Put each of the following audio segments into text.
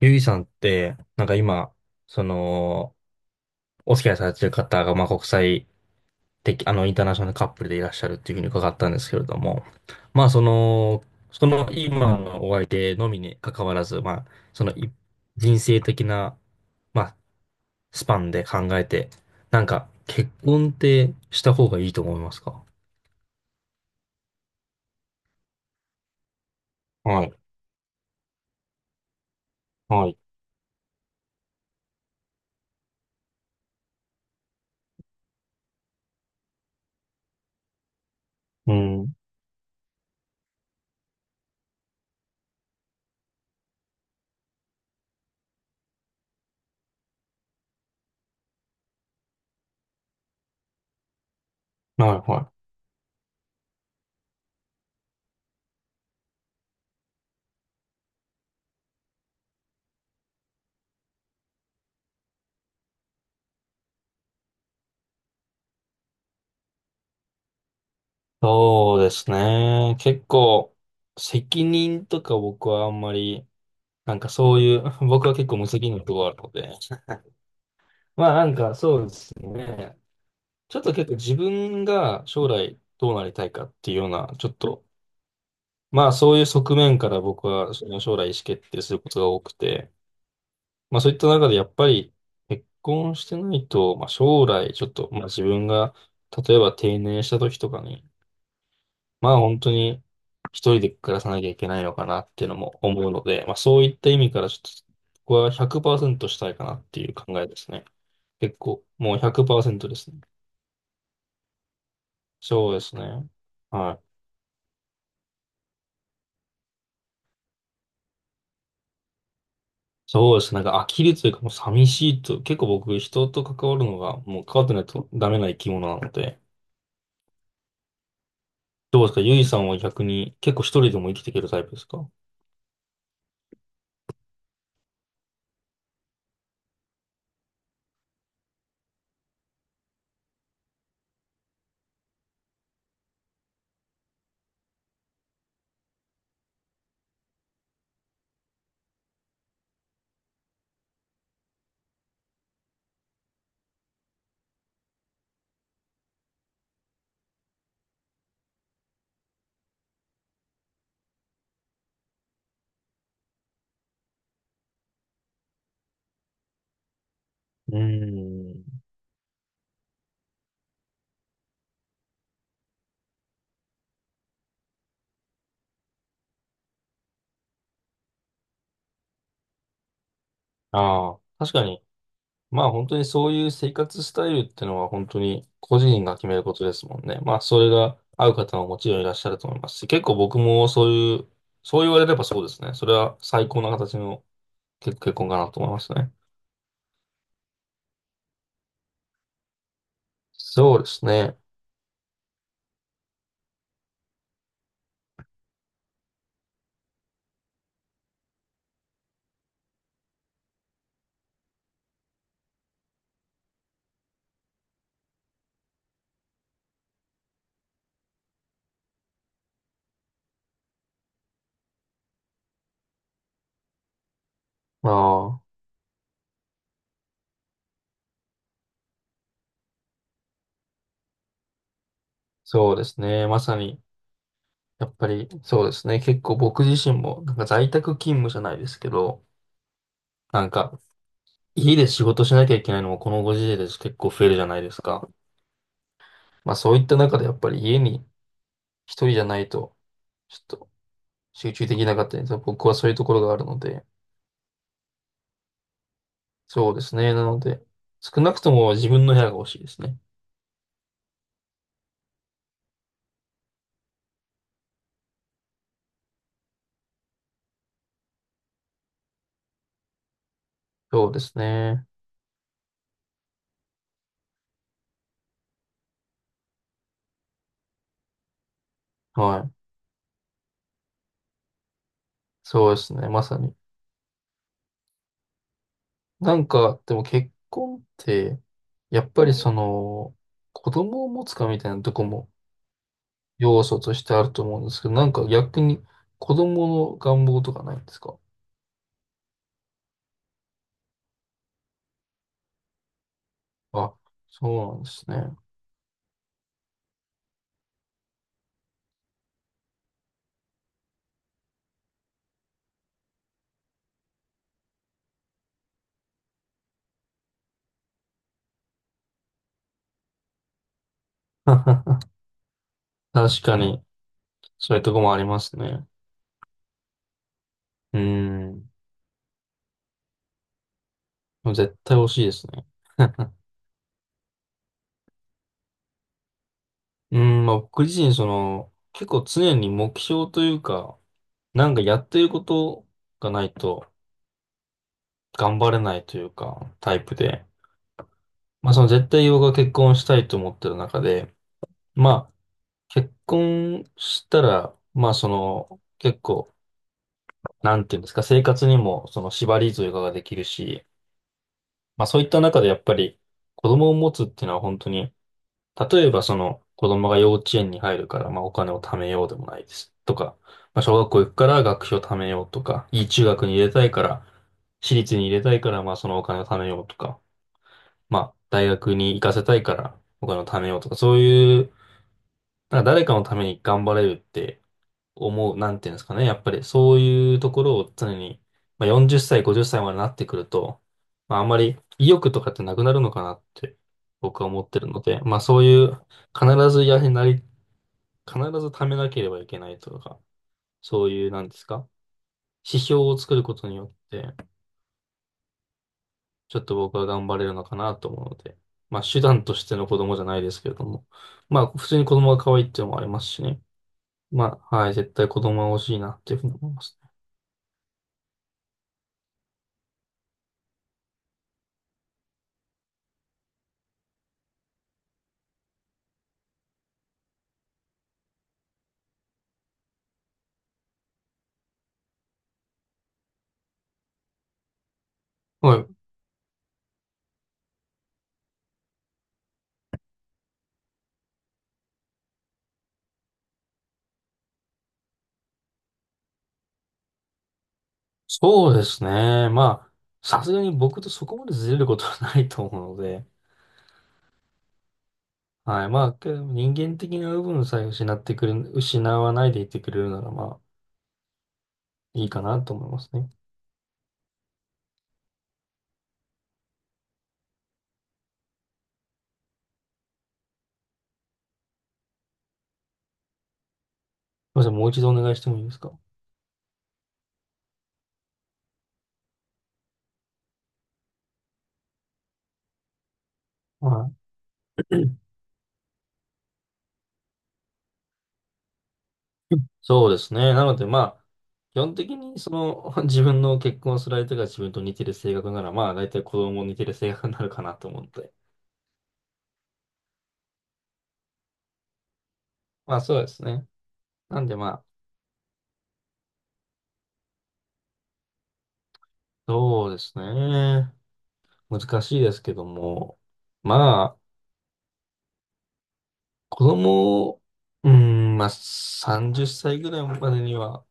ゆいさんって、なんか今、その、お付き合いされてる方が、まあ、国際的、インターナショナルカップルでいらっしゃるっていうふうに伺ったんですけれども、まあ、その今のお相手のみに関わらず、まあ、そのい人生的な、まあ、スパンで考えて、なんか、結婚ってした方がいいと思いますか？はい、はい、うん、はい、はい。そうですね。結構、責任とか僕はあんまり、なんかそういう、僕は結構無責任なところがあるので、まあなんかそうですね。ちょっと結構自分が将来どうなりたいかっていうような、ちょっと、まあそういう側面から僕はその将来意思決定することが多くて、まあそういった中でやっぱり結婚してないと、まあ将来ちょっと、まあ自分が例えば定年した時とかに、まあ本当に一人で暮らさなきゃいけないのかなっていうのも思うので、まあそういった意味からちょっと、ここは100%したいかなっていう考えですね。結構、もう100%ですね。そうですね。はい。そうですね。なんか呆るというかもう寂しいと、結構僕人と関わるのがもう関わってないとダメな生き物なので、どうですかゆいさんは逆に結構一人でも生きていけるタイプですか？ーん。ああ、確かに。まあ本当にそういう生活スタイルってのは本当に個人が決めることですもんね。まあそれが合う方ももちろんいらっしゃると思いますし、結構僕もそういう、そう言われればそうですね。それは最高な形の結婚かなと思いますね。そうですね。まあ、そうですね。まさに、やっぱりそうですね。結構僕自身もなんか在宅勤務じゃないですけど、なんか家で仕事しなきゃいけないのもこのご時世です結構増えるじゃないですか。まあそういった中でやっぱり家に一人じゃないと、ちょっと集中できなかったりとか、僕はそういうところがあるので、そうですね。なので、少なくとも自分の部屋が欲しいですね。そうですね。はい。そうですね。まさに。なんか、でも結婚って、やっぱりその、子供を持つかみたいなとこも要素としてあると思うんですけど、なんか逆に子供の願望とかないんですか？あ、そうなんですね。確かに、そういうとこもありますね。うん。絶対欲しいですね。うん、まあ僕自身、結構常に目標というか、なんかやってることがないと頑張れないというか、タイプで。まあその絶対僕が結婚したいと思ってる中で、まあ結婚したら、まあその、結構、なんていうんですか、生活にもその縛りというかができるし、まあそういった中でやっぱり子供を持つっていうのは本当に例えばその子供が幼稚園に入るから、まあ、お金を貯めようでもないです。とか、まあ、小学校行くから学費を貯めようとか、いい中学に入れたいから、私立に入れたいから、まあ、そのお金を貯めようとか、まあ、大学に行かせたいからお金を貯めようとか、そういう、なんか誰かのために頑張れるって思う、なんていうんですかね。やっぱりそういうところを常に、まあ、40歳、50歳までなってくると、まあ、あんまり意欲とかってなくなるのかなって僕は思ってるので、まあそういう、必ずやはりなり、必ず貯めなければいけないとか、そういう、なんですか、指標を作ることによって、ちょっと僕は頑張れるのかなと思うので、まあ手段としての子供じゃないですけれども、まあ普通に子供が可愛いっていうのもありますしね。まあ、はい、絶対子供は欲しいなっていうふうに思います。はい。そうですね。まあ、さすがに僕とそこまでずれることはないと思うので、はい。まあ、けど人間的な部分さえ失ってくれ、失わないでいてくれるなら、まあ、いいかなと思いますね。すみません、もう一度お願いしてもいいですか？はい。そうですね。なので、まあ、基本的に、自分の結婚する相手が自分と似てる性格なら、まあ、大体子供も似てる性格になるかなと思って。まあ、そうですね。なんで、まあ、そうですね。難しいですけども、まあ、子供を、まあ、30歳ぐらいまでには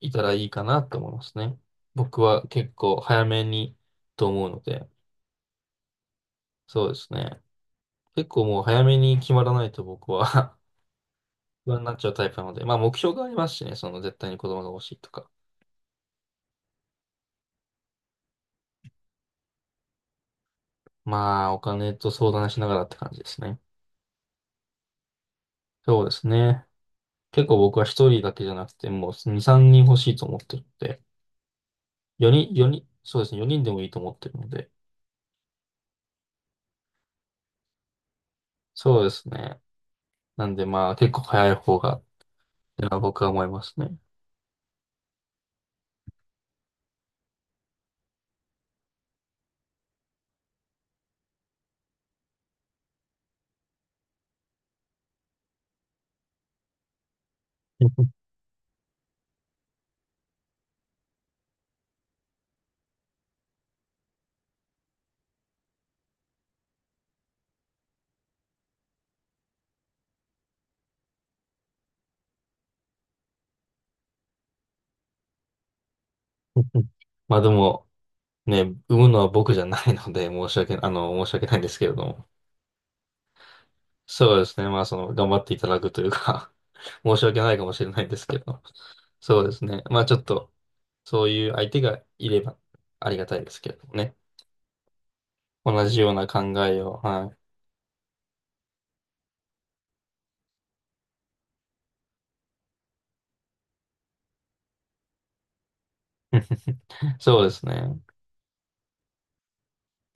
いたらいいかなと思いますね。僕は結構早めにと思うので、そうですね。結構もう早めに決まらないと僕は 不安になっちゃうタイプなので、まあ目標がありますしね、その絶対に子供が欲しいとか。まあお金と相談しながらって感じですね。そうですね。結構僕は一人だけじゃなくて、もう2、3人欲しいと思ってるので、4人、4人、そうですね、4人でもいいと思ってるので、そうですね。なんでまあ結構早い方が、ってのは僕は思いますね。まあでも、ね、産むのは僕じゃないので、申し訳ないんですけれども。そうですね。まあその、頑張っていただくというか 申し訳ないかもしれないですけど。そうですね。まあちょっと、そういう相手がいればありがたいですけれどもね。同じような考えを、はい。そうですね。